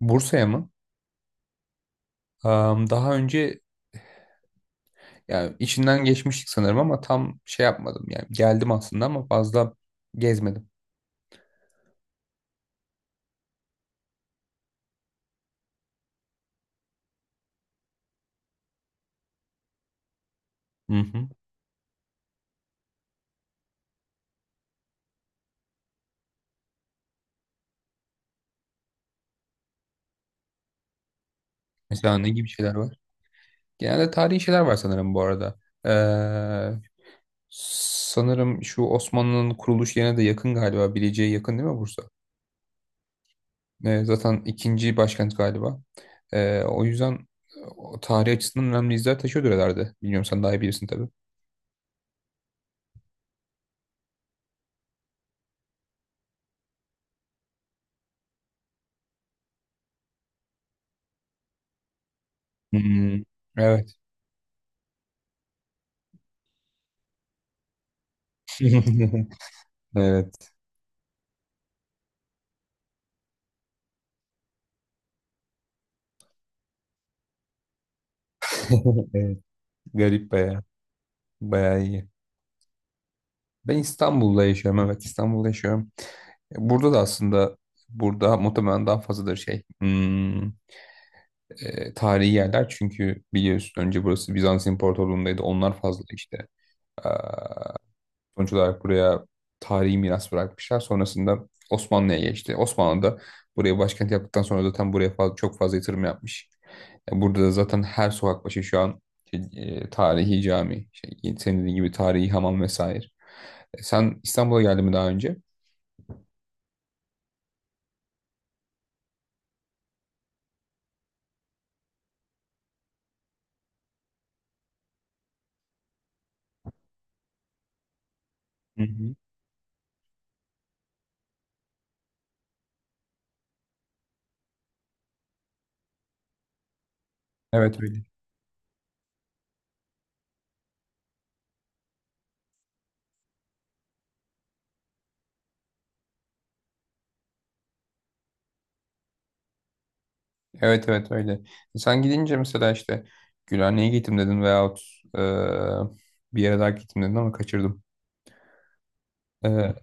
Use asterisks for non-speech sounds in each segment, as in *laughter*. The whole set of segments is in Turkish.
Bursa'ya mı? Daha önce yani içinden geçmiştik sanırım ama tam şey yapmadım. Yani geldim aslında ama fazla gezmedim. Hı hı. Mesela ne gibi şeyler var? Genelde tarihi şeyler var sanırım bu arada. Ee, Sanırım şu Osmanlı'nın kuruluş yerine de yakın galiba. Bilecik'e yakın değil mi Bursa? Zaten ikinci başkent galiba. O yüzden o tarih açısından önemli izler taşıyordur herhalde. Bilmiyorum sen daha iyi bilirsin tabii. Hmm, evet. *laughs* Evet. *laughs* Garip bayağı, bayağı iyi. Ben İstanbul'da yaşıyorum. Evet, İstanbul'da yaşıyorum. E, burada da aslında burada muhtemelen daha fazladır tarihi yerler çünkü biliyorsun önce burası Bizans İmparatorluğu'ndaydı. Onlar fazla işte. Ee, Sonuç olarak buraya tarihi miras bırakmışlar. Sonrasında Osmanlı'ya geçti. Osmanlı da buraya başkent yaptıktan sonra zaten buraya çok fazla yatırım yapmış. E, burada da zaten her sokak başı şu an şey, tarihi cami, şey, senin dediğin gibi tarihi hamam vesaire. E, sen İstanbul'a geldin mi daha önce? Hı hı. Evet, öyle. Evet, evet, öyle. E, sen gidince mesela işte Gülhane'ye gittim dedin veyahut e, bir yere daha gittim dedin ama kaçırdım. E,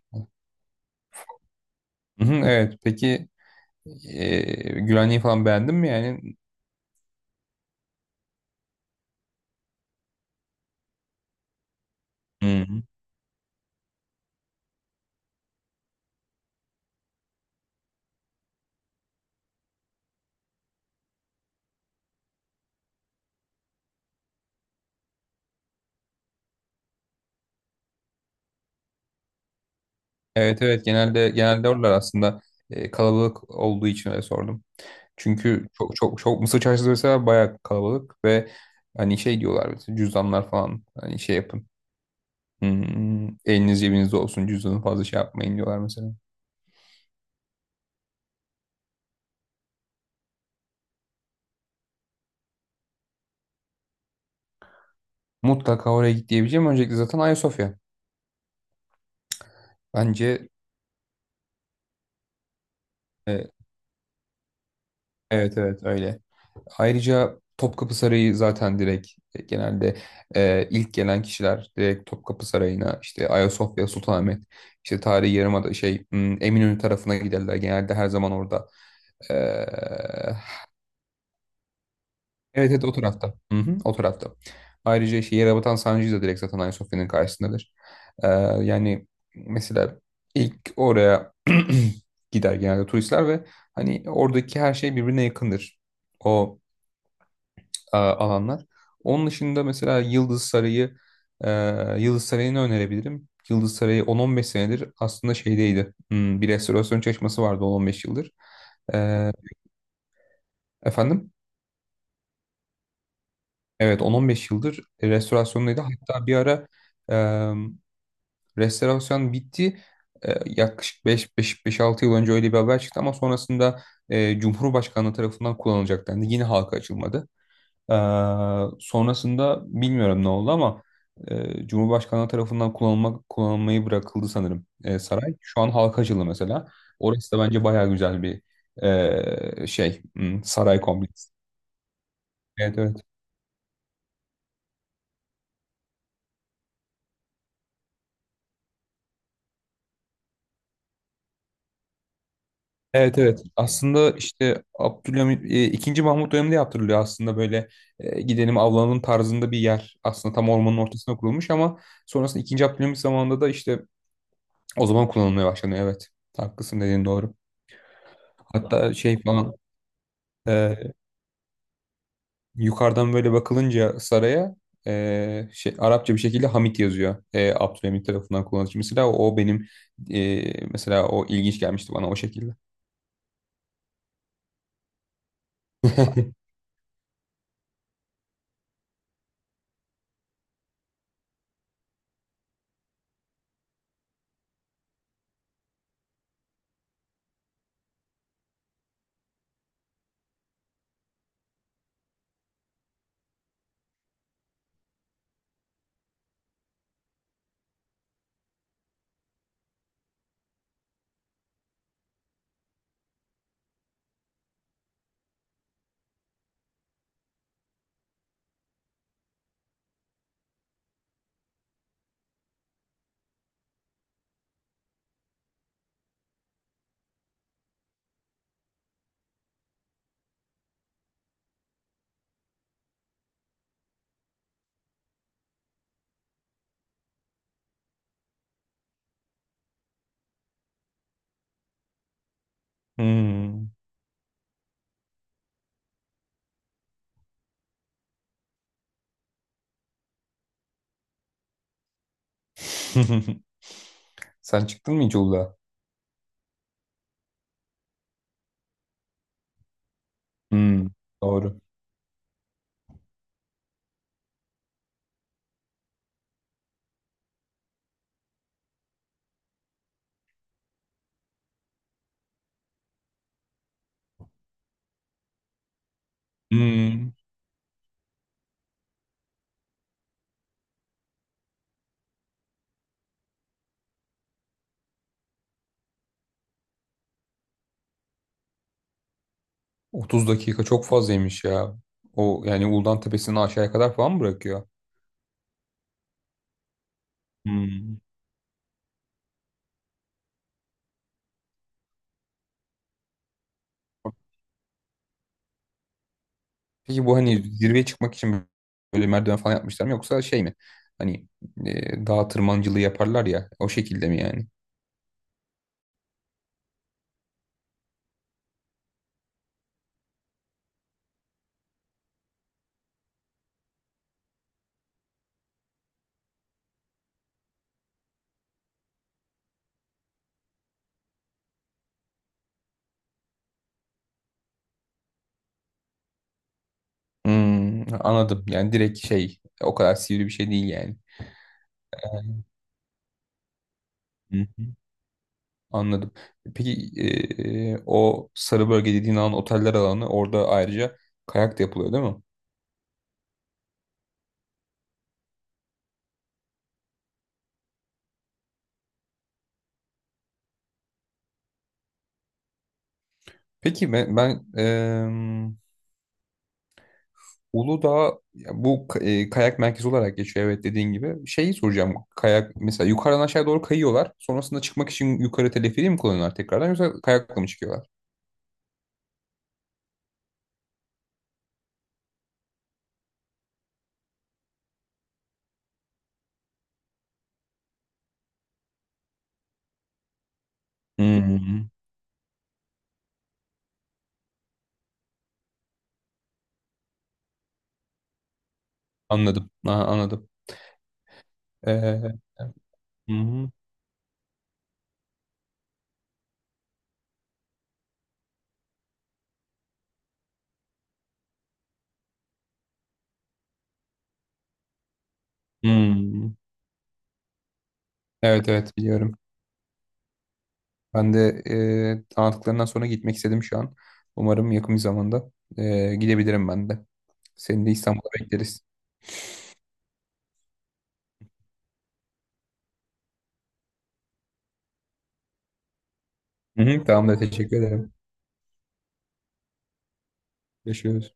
Hı hı, evet. Peki Gülhaneyi falan beğendin mi yani? Hı hı. Evet, evet, genelde oralar aslında kalabalık olduğu için öyle sordum. Çünkü çok Mısır Çarşısı mesela bayağı kalabalık ve hani şey diyorlar mesela cüzdanlar falan hani şey yapın. Hmm, eliniz cebinizde olsun cüzdanı fazla şey yapmayın diyorlar mesela. Mutlaka oraya git diyebileceğim. Öncelikle zaten Ayasofya. Bence e, evet, evet, öyle. Ayrıca Topkapı Sarayı zaten direkt e, genelde e, ilk gelen kişiler direkt Topkapı Sarayı'na işte Ayasofya, Sultanahmet, işte tarihi yarımada Eminönü tarafına giderler. Genelde her zaman orada. E, evet, evet, o tarafta. Hı hı, o tarafta. Ayrıca işte Yerebatan Sancı'yı da direkt zaten Ayasofya'nın karşısındadır. E, yani mesela ilk oraya *clears throat* gider genelde turistler ve hani oradaki her şey birbirine yakındır. O Alanlar. Onun dışında mesela Yıldız Sarayı, e, Yıldız Sarayı'nı önerebilirim. Yıldız Sarayı 10-15 senedir aslında şeydeydi. Hmm, bir restorasyon çalışması vardı 10-15 yıldır. E, Efendim? Evet, 10-15 yıldır restorasyondaydı. Hatta bir ara e, restorasyon bitti. E, yaklaşık 5-6 yıl önce öyle bir haber çıktı ama sonrasında Cumhurbaşkanlığı tarafından kullanılacak dendi. Yine halka açılmadı. Ee, Sonrasında bilmiyorum ne oldu ama Cumhurbaşkanı tarafından kullanılmayı bırakıldı sanırım saray. Şu an halka açıldı mesela. Orası da bence bayağı güzel bir saray kompleksi. Evet, evet. Evet, evet. Aslında işte Abdülhamit ikinci Mahmut döneminde yaptırılıyor aslında böyle gidelim avlanalım tarzında bir yer. Aslında tam ormanın ortasına kurulmuş ama sonrasında ikinci Abdülhamit zamanında da işte o zaman kullanılmaya başlanıyor. Evet. Haklısın, dediğin doğru. Hatta şey falan yukarıdan böyle bakılınca saraya şey, Arapça bir şekilde Hamit yazıyor. E, Abdülhamit tarafından kullanılmış. Mesela o ilginç gelmişti bana o şekilde. *laughs* Hmm. *laughs* Sen çıktın mı hiç Uludağ'a? Hmm, doğru. Hmm. 30 dakika çok fazlaymış ya. O yani Uludağ'ın tepesini aşağıya kadar falan mı bırakıyor? Hmm. Peki bu hani zirveye çıkmak için böyle merdiven falan yapmışlar mı yoksa şey mi? Hani dağ tırmancılığı yaparlar ya o şekilde mi yani? Hmm, anladım. Yani direkt şey o kadar sivri bir şey değil yani. Hı hı. Anladım. Peki o sarı bölge dediğin alan oteller alanı orada ayrıca kayak da yapılıyor değil mi? Peki ben Uludağ ya kayak merkezi olarak geçiyor evet dediğin gibi. Şeyi soracağım kayak mesela yukarıdan aşağı doğru kayıyorlar. Sonrasında çıkmak için yukarı teleferiği mi kullanıyorlar tekrardan yoksa kayakla mı çıkıyorlar? Hı. Anladım. Ha, anladım. Eee, Hı hı. Hı. Evet, evet, biliyorum. Ben de tanıttıklarından sonra gitmek istedim şu an. Umarım yakın bir zamanda gidebilirim ben de. Seni de İstanbul'a bekleriz. Hı hı, tamam da teşekkür ederim. Görüşürüz.